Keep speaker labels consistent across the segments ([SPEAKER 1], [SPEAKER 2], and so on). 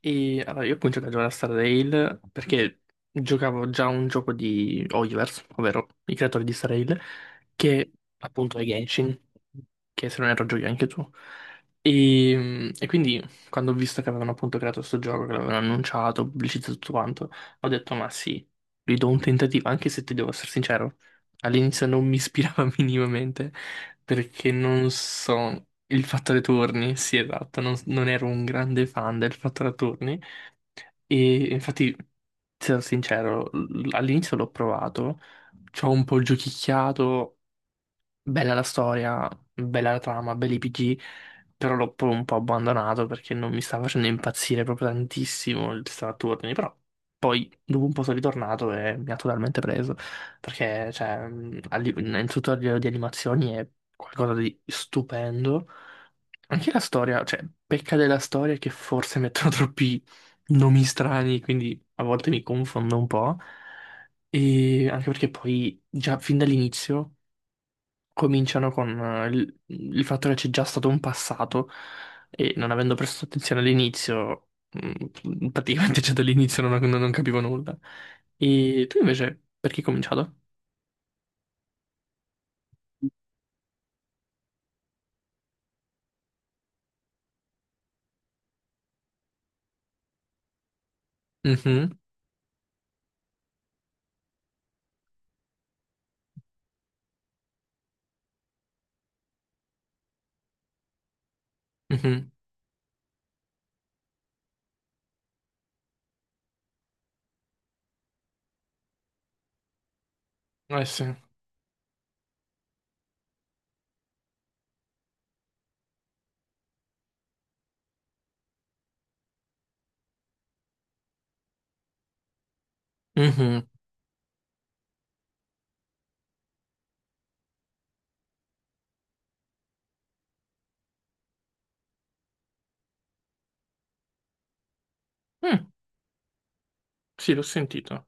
[SPEAKER 1] E allora, io ho cominciato a giocare a Star Rail perché giocavo già un gioco di Oyverse, ovvero i creatori di Star Rail, che appunto è Genshin, che se non erro giochi anche tu. E quindi quando ho visto che avevano appunto creato questo gioco, che l'avevano annunciato, pubblicizzato tutto quanto, ho detto ma sì, gli do un tentativo, anche se ti devo essere sincero, all'inizio non mi ispirava minimamente perché non so. Il fattore turni, sì, esatto, non ero un grande fan del fattore turni e infatti, sarò sincero, all'inizio l'ho provato, ci ho un po' giochicchiato, bella la storia, bella la trama, belli i PG, però l'ho poi un po' abbandonato perché non mi stava facendo impazzire proprio tantissimo il sistema a turni, però poi dopo un po' sono ritornato e mi ha totalmente preso, perché cioè, innanzitutto a livello di animazioni è qualcosa di stupendo. Anche la storia, cioè, pecca della storia che forse mettono troppi nomi strani, quindi a volte mi confondo un po'. E anche perché poi, già fin dall'inizio, cominciano con il fatto che c'è già stato un passato e non avendo prestato attenzione all'inizio, praticamente già dall'inizio non capivo nulla. E tu invece, perché hai cominciato? Mhm. Mhm. Eh, sì. Mhm. Mm, sì, l'ho sentito.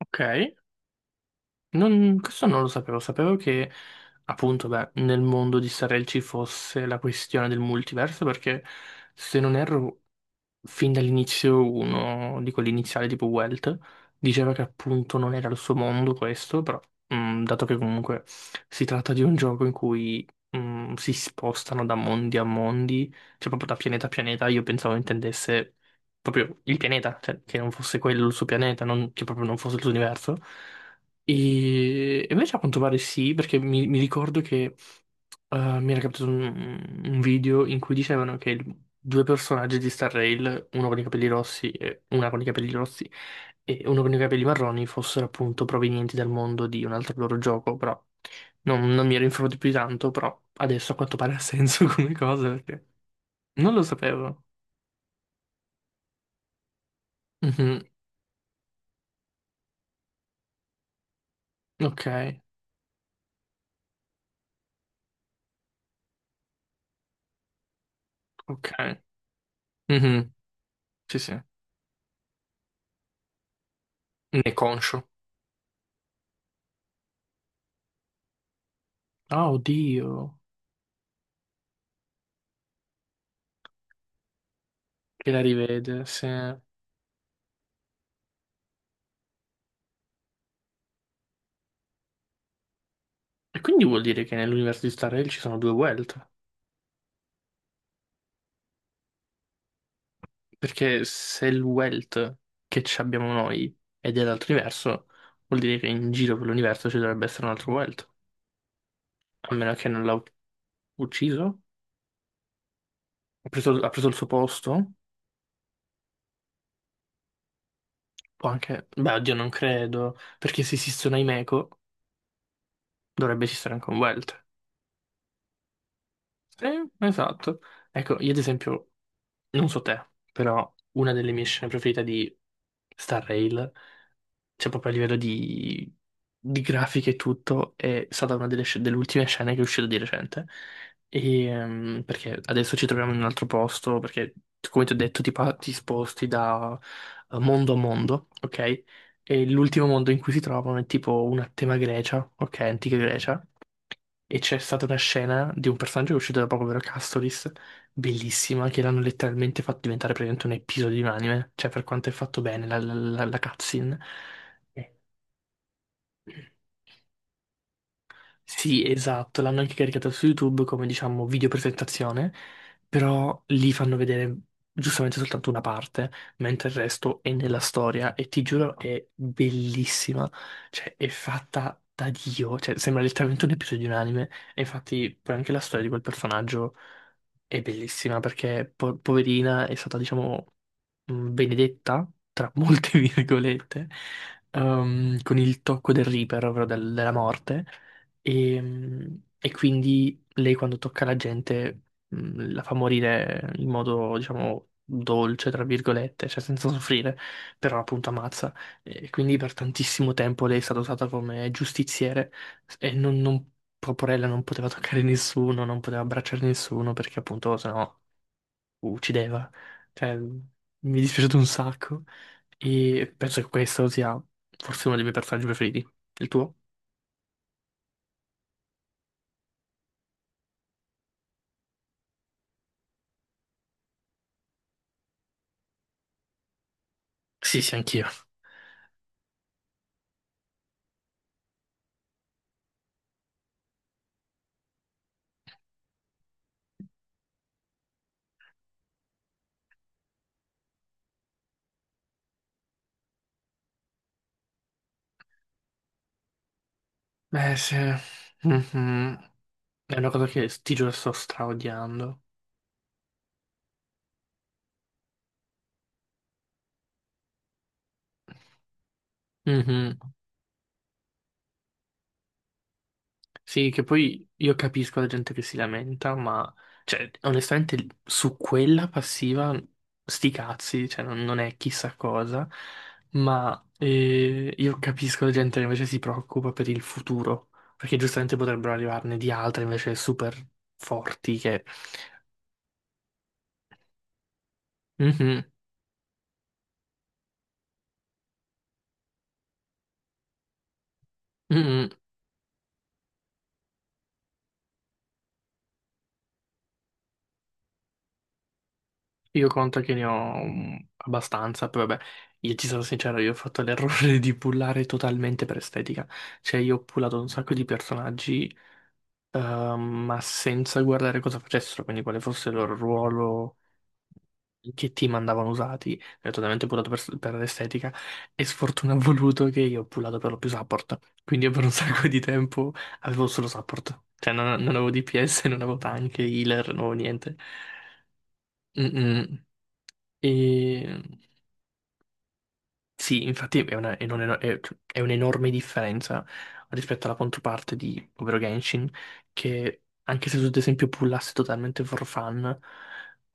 [SPEAKER 1] Ok. Questo non lo sapevo, sapevo che appunto beh, nel mondo di Starel ci fosse la questione del multiverso perché se non erro fin dall'inizio uno di quelli iniziali tipo Welt diceva che appunto non era il suo mondo questo, però dato che comunque si tratta di un gioco in cui si spostano da mondi a mondi, cioè proprio da pianeta a pianeta, io pensavo intendesse proprio il pianeta, cioè che non fosse quello il suo pianeta, che proprio non fosse il suo universo. E invece a quanto pare sì, perché mi ricordo che mi era capitato un video in cui dicevano che due personaggi di Star Rail, uno con i capelli rossi e una con i capelli rossi e uno con i capelli marroni, fossero appunto provenienti dal mondo di un altro loro gioco, però non mi ero informato più di tanto, però adesso a quanto pare ha senso come cosa perché non lo sapevo. Mhm. Ok, ok. Mhm. Sì, sì. Ne è conscio. Ah, oddio, che la rivede, sì. E quindi vuol dire che nell'universo di Star Rail ci sono due Welt? Perché se il wealth che ci abbiamo noi è dell'altro vuol dire che in giro per l'universo ci dovrebbe essere un altro wealth. A meno che non l'ha ucciso, ha preso il suo posto, può anche... Beh, oddio, non credo, perché se esistono i Meco, dovrebbe esistere anche un wealth. Sì, esatto. Ecco, io ad esempio, non so te, però una delle mie scene preferite di Star Rail cioè proprio a livello di grafiche e tutto, è stata una delle ultime scene che è uscita di recente. E, perché adesso ci troviamo in un altro posto, perché come ti ho detto ti sposti da mondo a mondo, ok? E l'ultimo mondo in cui si trovano è tipo una tema Grecia, ok? Antica Grecia. E c'è stata una scena di un personaggio che è uscito da poco, ovvero Castoris, bellissima, che l'hanno letteralmente fatto diventare praticamente un episodio di un anime, cioè per quanto è fatto bene la cutscene. Sì, esatto, l'hanno anche caricato su YouTube come diciamo video presentazione, però lì fanno vedere giustamente soltanto una parte, mentre il resto è nella storia e ti giuro è bellissima, cioè è fatta da Dio, cioè sembra letteralmente un episodio di un anime e infatti poi anche la storia di quel personaggio è bellissima perché poverina è stata diciamo benedetta, tra molte virgolette, con il tocco del Reaper, ovvero della morte. E quindi lei quando tocca la gente la fa morire in modo, diciamo, dolce, tra virgolette, cioè senza soffrire, però appunto ammazza. E quindi per tantissimo tempo lei è stata usata come giustiziere e non, non, Proporella non poteva toccare nessuno, non poteva abbracciare nessuno perché appunto sennò uccideva. Cioè, mi è dispiaciuto un sacco e penso che questo sia forse uno dei miei personaggi preferiti. Il tuo? Sì, sì, anch'io. Beh, sì. Mhm. È una cosa che sti giorni sto straodiando. Mhm. Sì, che poi io capisco la gente che si lamenta, ma cioè, onestamente su quella passiva, sti cazzi, cioè, non è chissà cosa, ma io capisco la gente che invece si preoccupa per il futuro, perché giustamente potrebbero arrivarne di altre invece super forti che... Mhm. Mhm. Io conto che ne ho abbastanza, però vabbè, io ti sarò sincero, io ho fatto l'errore di pullare totalmente per estetica. Cioè, io ho pullato un sacco di personaggi, ehm, ma senza guardare cosa facessero, quindi quale fosse il loro ruolo, in che team andavano usati. Ho totalmente pullato per l'estetica e sfortuna ha voluto che io ho pullato per lo più support. Quindi io per un sacco di tempo avevo solo support. Cioè, non avevo DPS, non avevo tank, healer, non avevo niente. Mm-mm. E... Sì, infatti è una- è un eno- è- cioè, è un'enorme differenza rispetto alla controparte ovvero Genshin, che anche se tu ad esempio pullassi totalmente for fun,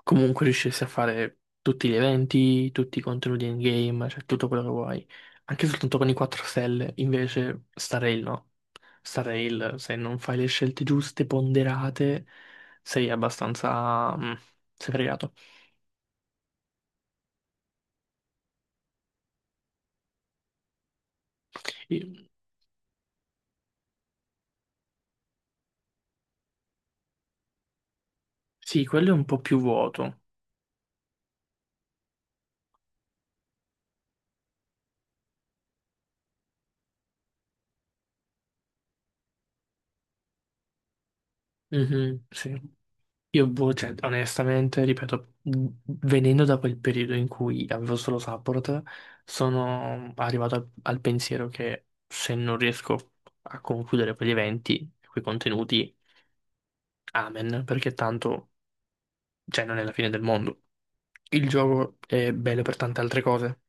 [SPEAKER 1] comunque riuscissi a fare tutti gli eventi, tutti i contenuti in game, cioè tutto quello che vuoi. Anche soltanto con i 4 stelle, invece Starrail no. Starrail, se non fai le scelte giuste, ponderate, sei abbastanza, sei fregato. I- Sì, quello è un po' più vuoto. Mhm, sì. Io, boh, cioè, onestamente, ripeto, venendo da quel periodo in cui avevo solo Support, sono arrivato al pensiero che se non riesco a concludere quegli eventi, quei contenuti, amen, perché tanto, cioè, non è la fine del mondo. Il gioco è bello per tante altre cose.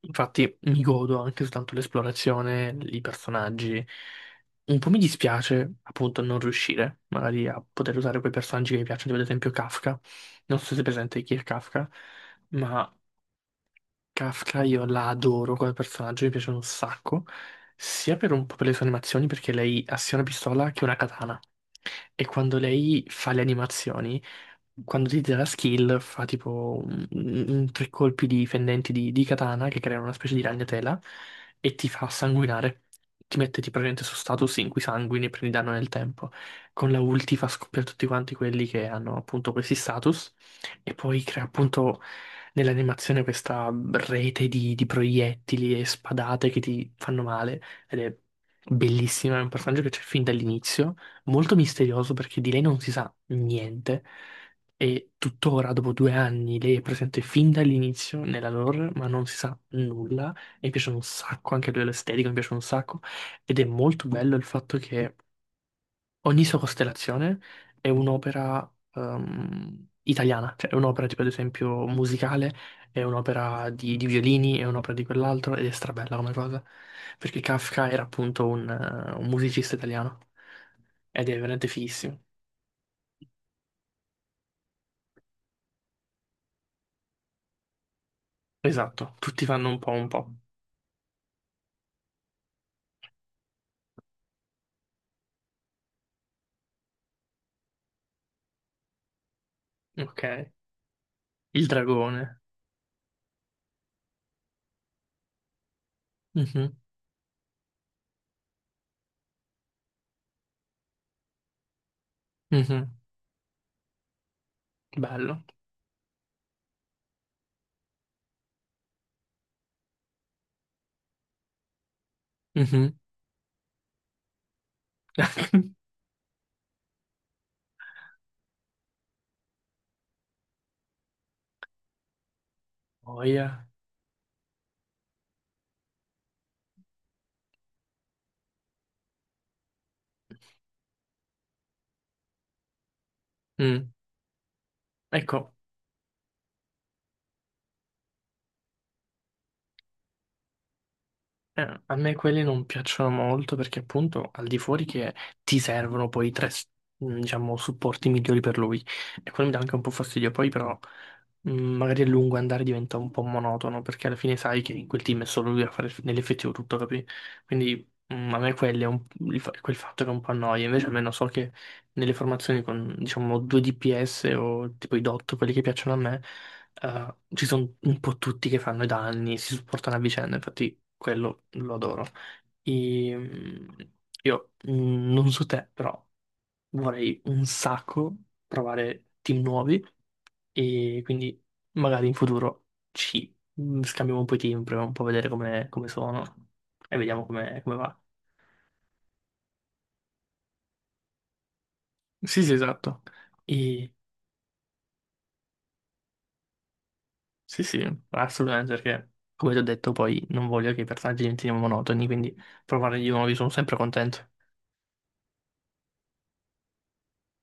[SPEAKER 1] Infatti mi godo anche soltanto l'esplorazione, i personaggi. Un po' mi dispiace appunto non riuscire magari a poter usare quei personaggi che mi piacciono, tipo ad esempio Kafka. Non so se è presente chi è Kafka, ma Kafka io la adoro come personaggio, mi piace un sacco, sia per un po' per le sue animazioni, perché lei ha sia una pistola che una katana. E quando lei fa le animazioni, quando ti dà la skill, fa tipo tre colpi di fendenti di katana che creano una specie di ragnatela e ti fa sanguinare. Ti mette tipo praticamente su status in cui sanguini e prendi danno nel tempo. Con la ulti fa scoppiare tutti quanti quelli che hanno appunto questi status e poi crea appunto nell'animazione questa rete di proiettili e spadate che ti fanno male ed è bellissima, è un personaggio che c'è fin dall'inizio, molto misterioso perché di lei non si sa niente e tuttora dopo 2 anni lei è presente fin dall'inizio nella lore ma non si sa nulla e mi piace un sacco, anche a livello estetico mi piace un sacco ed è molto bello il fatto che ogni sua costellazione è un'opera italiana, cioè è un'opera tipo ad esempio musicale, è un'opera di violini, è un'opera di quell'altro ed è strabella come cosa, perché Kafka era appunto un musicista italiano ed è veramente fighissimo. Esatto, tutti fanno un po' un po'. Ok, il dragone. Mhm. Mhm. Bello. Mhm. Oh, yeah. Mm. Ecco. A me quelli non piacciono molto perché appunto al di fuori che ti servono poi tre, diciamo, supporti migliori per lui. E quello mi dà anche un po' fastidio. Poi però magari a lungo andare diventa un po' monotono perché alla fine sai che in quel team è solo lui a fare nell'effettivo tutto, capi? Quindi a me quelli è un- il fa- quel fatto che è un po' annoia. Invece almeno so che nelle formazioni con diciamo 2 DPS o tipo i DOT, quelli che piacciono a me, ci sono un po' tutti che fanno i danni, si supportano a vicenda, infatti quello lo adoro. E, io non so te, però vorrei un sacco provare team nuovi e quindi magari in futuro ci scambiamo un po' i team, proviamo un po' a vedere come sono e vediamo come va. Sì, sì, esatto. E sì, sì, assolutamente perché, come ti ho detto, poi non voglio che i personaggi diventino monotoni, quindi provare di nuovi sono sempre contento.